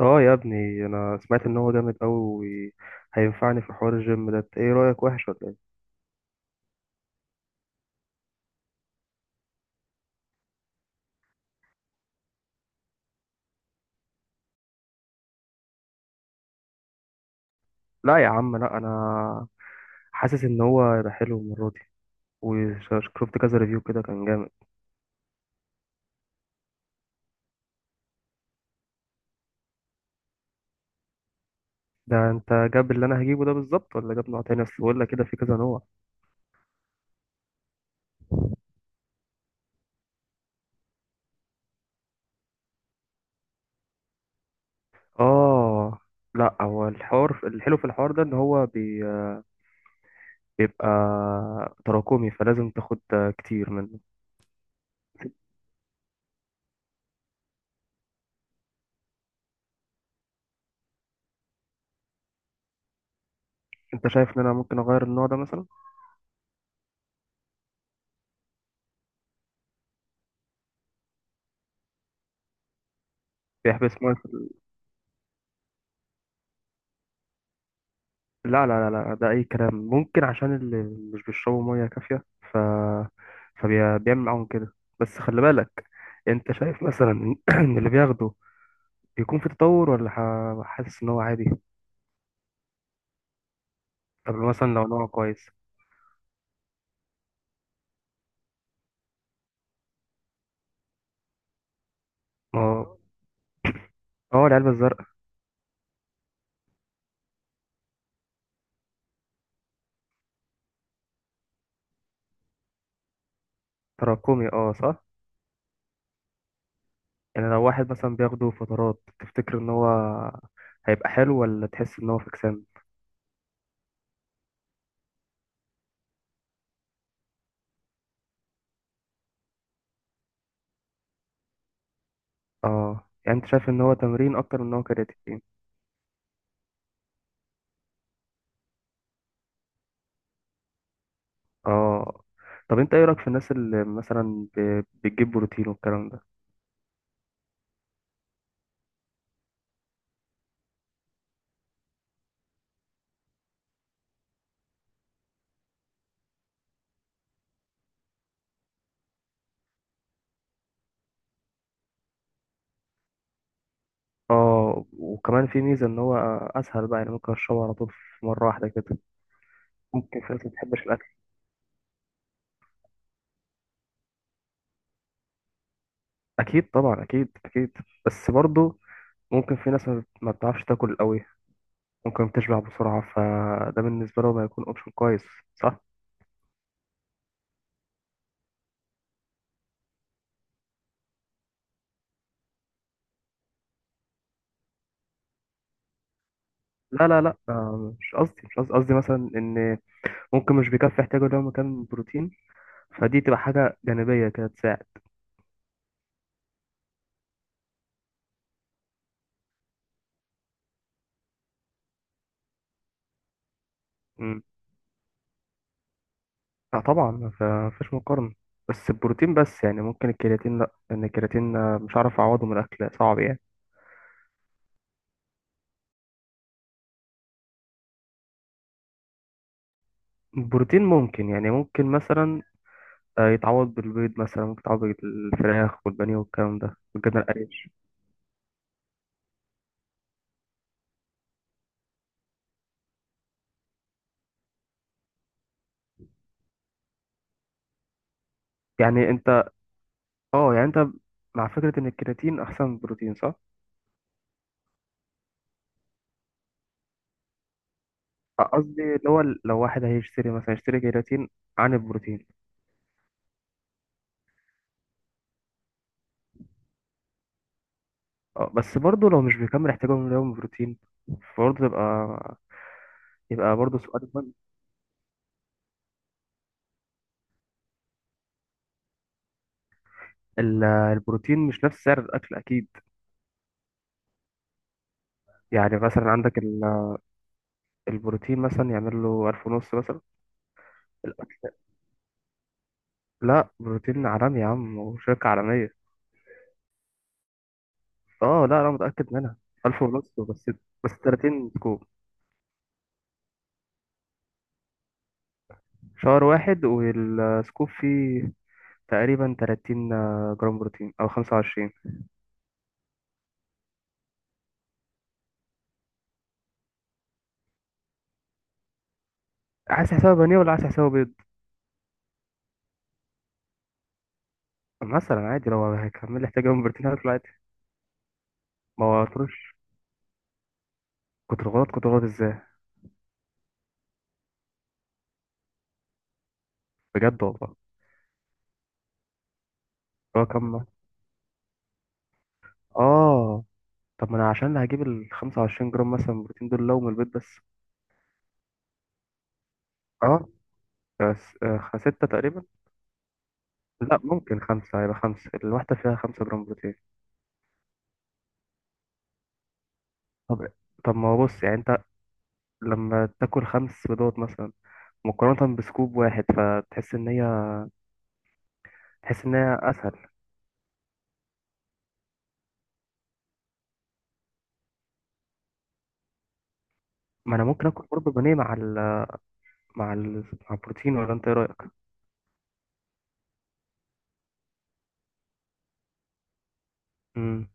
اه يا ابني، انا سمعت ان هو جامد قوي وهينفعني في حوار الجيم ده. إنت ايه رايك؟ وحش ولا ايه؟ لا يا عم لا، انا حاسس ان هو هيبقى حلو المره دي، وشفت كذا ريفيو كده كان جامد. ده انت جاب اللي انا هجيبه ده بالظبط، ولا جاب نوع تاني؟ اصل بقول لك كده في كذا نوع. اه لا، هو الحوار الحلو في الحوار ده ان هو بيبقى تراكمي، فلازم تاخد كتير منه. انت شايف ان انا ممكن اغير النوع ده مثلا؟ بيحبس. لا لا لا لا، ده أي كلام. ممكن عشان اللي مش بيشربوا مية كافية، ف... فبيعمل معاهم كده. بس خلي بالك، أنت شايف مثلا إن إن اللي بياخده بيكون في تطور ولا حاسس إن هو عادي؟ طب مثلا لو نوع كويس؟ ما هو، اه، العلبة الزرقاء. تراكمي، اه صح. يعني لو واحد مثلا بياخده فترات، تفتكر إن هو هيبقى حلو ولا تحس إن هو فكسان؟ اه، يعني أنت شايف إن هو تمرين أكتر من إن هو كرياتين؟ اه. طب انت ايه رايك في الناس اللي مثلا بتجيب بروتين والكلام ده؟ اه، وكمان في ميزه ان هو اسهل بقى، يعني ممكن اشربه على طول في مره واحده كده. ممكن في ناس ما بتحبش الاكل. اكيد طبعا، اكيد اكيد. بس برضه ممكن في ناس ما بتعرفش تاكل قوي، ممكن بتشبع بسرعه، فده بالنسبه لهم هيكون اوبشن كويس. صح. لا لا لا، مش قصدي، مش قصدي، قصدي مثلا ان ممكن مش بيكفي احتياجه اليومي كان بروتين، فدي تبقى حاجه جانبيه كده تساعد. لا طبعا، ما فيش مقارنة. بس البروتين بس، يعني ممكن الكرياتين لا، لأن الكرياتين مش عارف أعوضه من الأكل، صعب يعني. البروتين ممكن، يعني ممكن مثلا يتعوض بالبيض مثلا، ممكن يتعوض بالفراخ والبانيه والكلام ده والجبنة القريش. يعني أنت، أه، يعني أنت مع فكرة إن الكرياتين أحسن من البروتين، صح؟ قصدي اللي هو، لو واحد هيشتري مثلا يشتري كرياتين عن البروتين. أه، بس برضه لو مش بيكمل احتياجه من اليوم بروتين، برضه يبقى برضه سؤال مهم. البروتين مش نفس سعر الأكل، أكيد. يعني مثلا عندك البروتين مثلا يعمل له 1500 مثلا. الأكل. لا، بروتين عالمي يا عم، وشركة عالمية. اه لا، أنا متأكد منها. 1500 بس 30 سكوب. شهر واحد، والسكوب فيه تقريبا 30 جرام بروتين أو 25. عايز حسابه بانيه ولا عايز حسابه بيض؟ مثلا عادي، لو هيكمل لي احتياج من بروتين هاكله عادي. ما هو، كتر غلط. كتر غلط ازاي؟ بجد والله؟ هو كم؟ اه. طب ما انا عشان هجيب ال 25 جرام مثلا من البروتين دول لو من البيت بس. اه، بس ستة تقريبا. لا ممكن خمسة. هيبقى خمسة، الواحدة فيها 5 جرام بروتين. طب طب، ما هو بص، يعني انت، لما تاكل خمس بيضات مثلا مقارنة بسكوب واحد، فتحس ان هي، تحس ان هي اسهل. ما انا ممكن اكل برضه بانيه مع ال مع البروتين، ولا انت ايه رأيك؟ امم.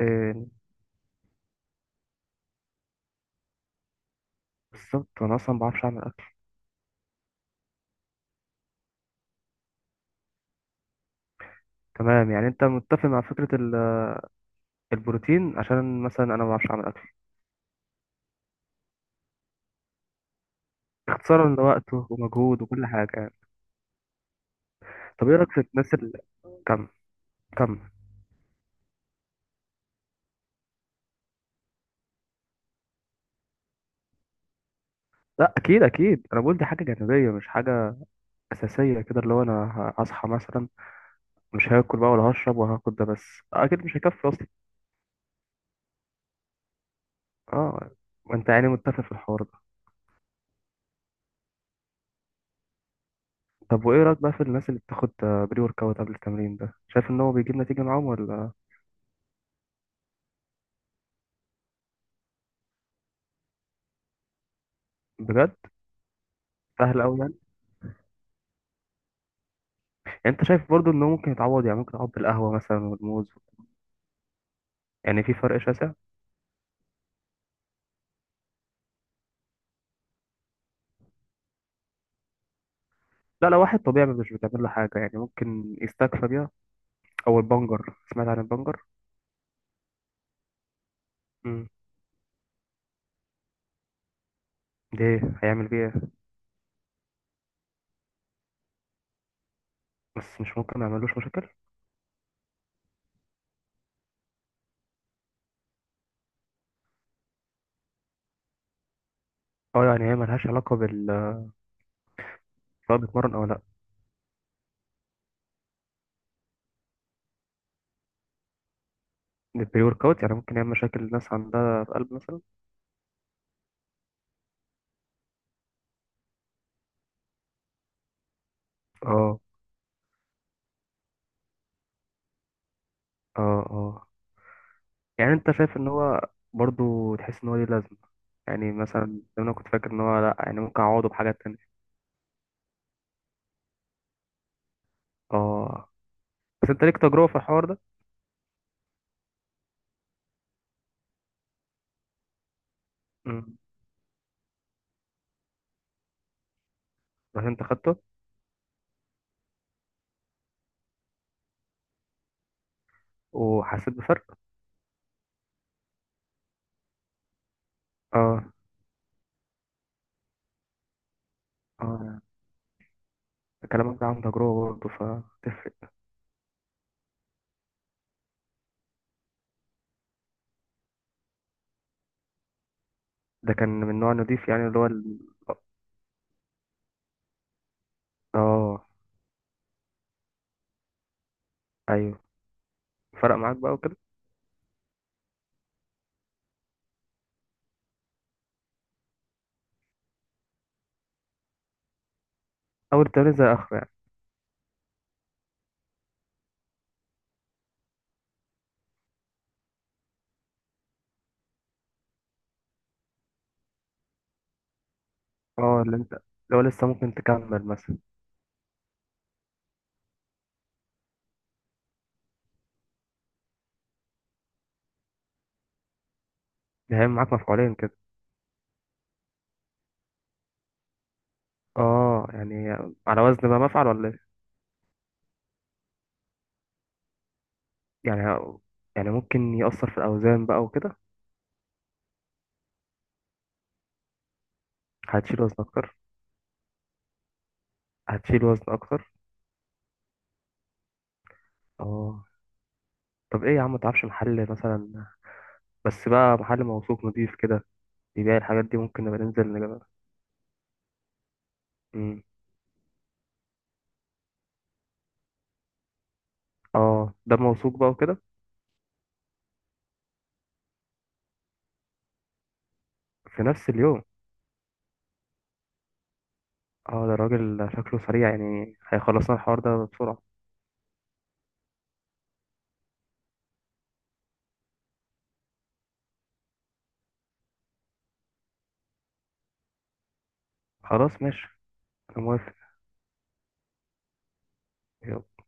إيه؟ بالظبط، انا اصلا ما بعرفش اعمل اكل. تمام، يعني انت متفق مع فكرة البروتين عشان مثلا انا ما بعرفش اعمل اكل؟ اختصارا لوقته ومجهود وكل حاجة يعني. طب ايه رأيك في الناس اللي كم كم. لا اكيد اكيد، انا بقول دي حاجة جانبية مش حاجة اساسية كده. اللي هو انا هصحى مثلا مش هاكل بقى ولا هشرب وهاخد ده بس، اكيد مش هيكفي اصلا. اه. ما انت يعني متفق في الحوار ده. طب وايه رأيك بقى في الناس اللي بتاخد بري ورك اوت قبل التمرين؟ ده شايف ان هو بيجيب نتيجة معاهم ولا؟ بجد؟ سهل قوي يعني؟ يعني انت شايف برضو ان هو ممكن يتعوض، يعني ممكن يتعوض بالقهوة مثلا والموز؟ يعني في فرق شاسع؟ لا، لو واحد طبيعي مش بتعمل له حاجة، يعني ممكن يستكفى بيها. او البنجر، سمعت عن البنجر؟ امم. ده إيه؟ هيعمل بيه ايه؟ بس مش ممكن ما يعملوش مشاكل؟ اه، يعني هي ملهاش علاقه بال، سواء بيتمرن او لا؟ البري ورك اوت يعني ممكن يعمل مشاكل الناس عندها في قلب مثلا؟ اه اه. اه، يعني انت شايف ان هو برضو، تحس ان هو ليه لازمه يعني مثلا، لو انا كنت فاكر ان هو لا، يعني ممكن اعوضه بحاجات تانية؟ اه، بس انت ليك تجربه في الحوار ده؟ امم. بس انت خدته، وحسيت بفرق؟ اه اه. كلامك ده عن تجربه برضه، فتفرق. ده كان من نوع نضيف يعني، اللي هو؟ اه، ايوه. فرق معاك بقى وكده؟ اول تمرين زي اخر يعني؟ اه، اللي انت لو لسه ممكن تكمل مثلا؟ ده هيعمل معاك مفعولين كده؟ اه، يعني على وزن بقى مفعل ولا ايه؟ يعني يعني ممكن يأثر في الاوزان بقى وكده؟ هتشيل وزن اكتر؟ هتشيل وزن اكتر. اه. طب ايه يا عم، متعرفش محل مثلا، بس بقى محل موثوق نضيف كده بيبيع الحاجات دي، ممكن نبقى ننزل نجيبها؟ امم. اه، ده موثوق بقى وكده؟ في نفس اليوم؟ اه، ده الراجل شكله سريع، يعني هيخلصنا الحوار ده بسرعة. خلاص ماشي. انا موافق. يلا.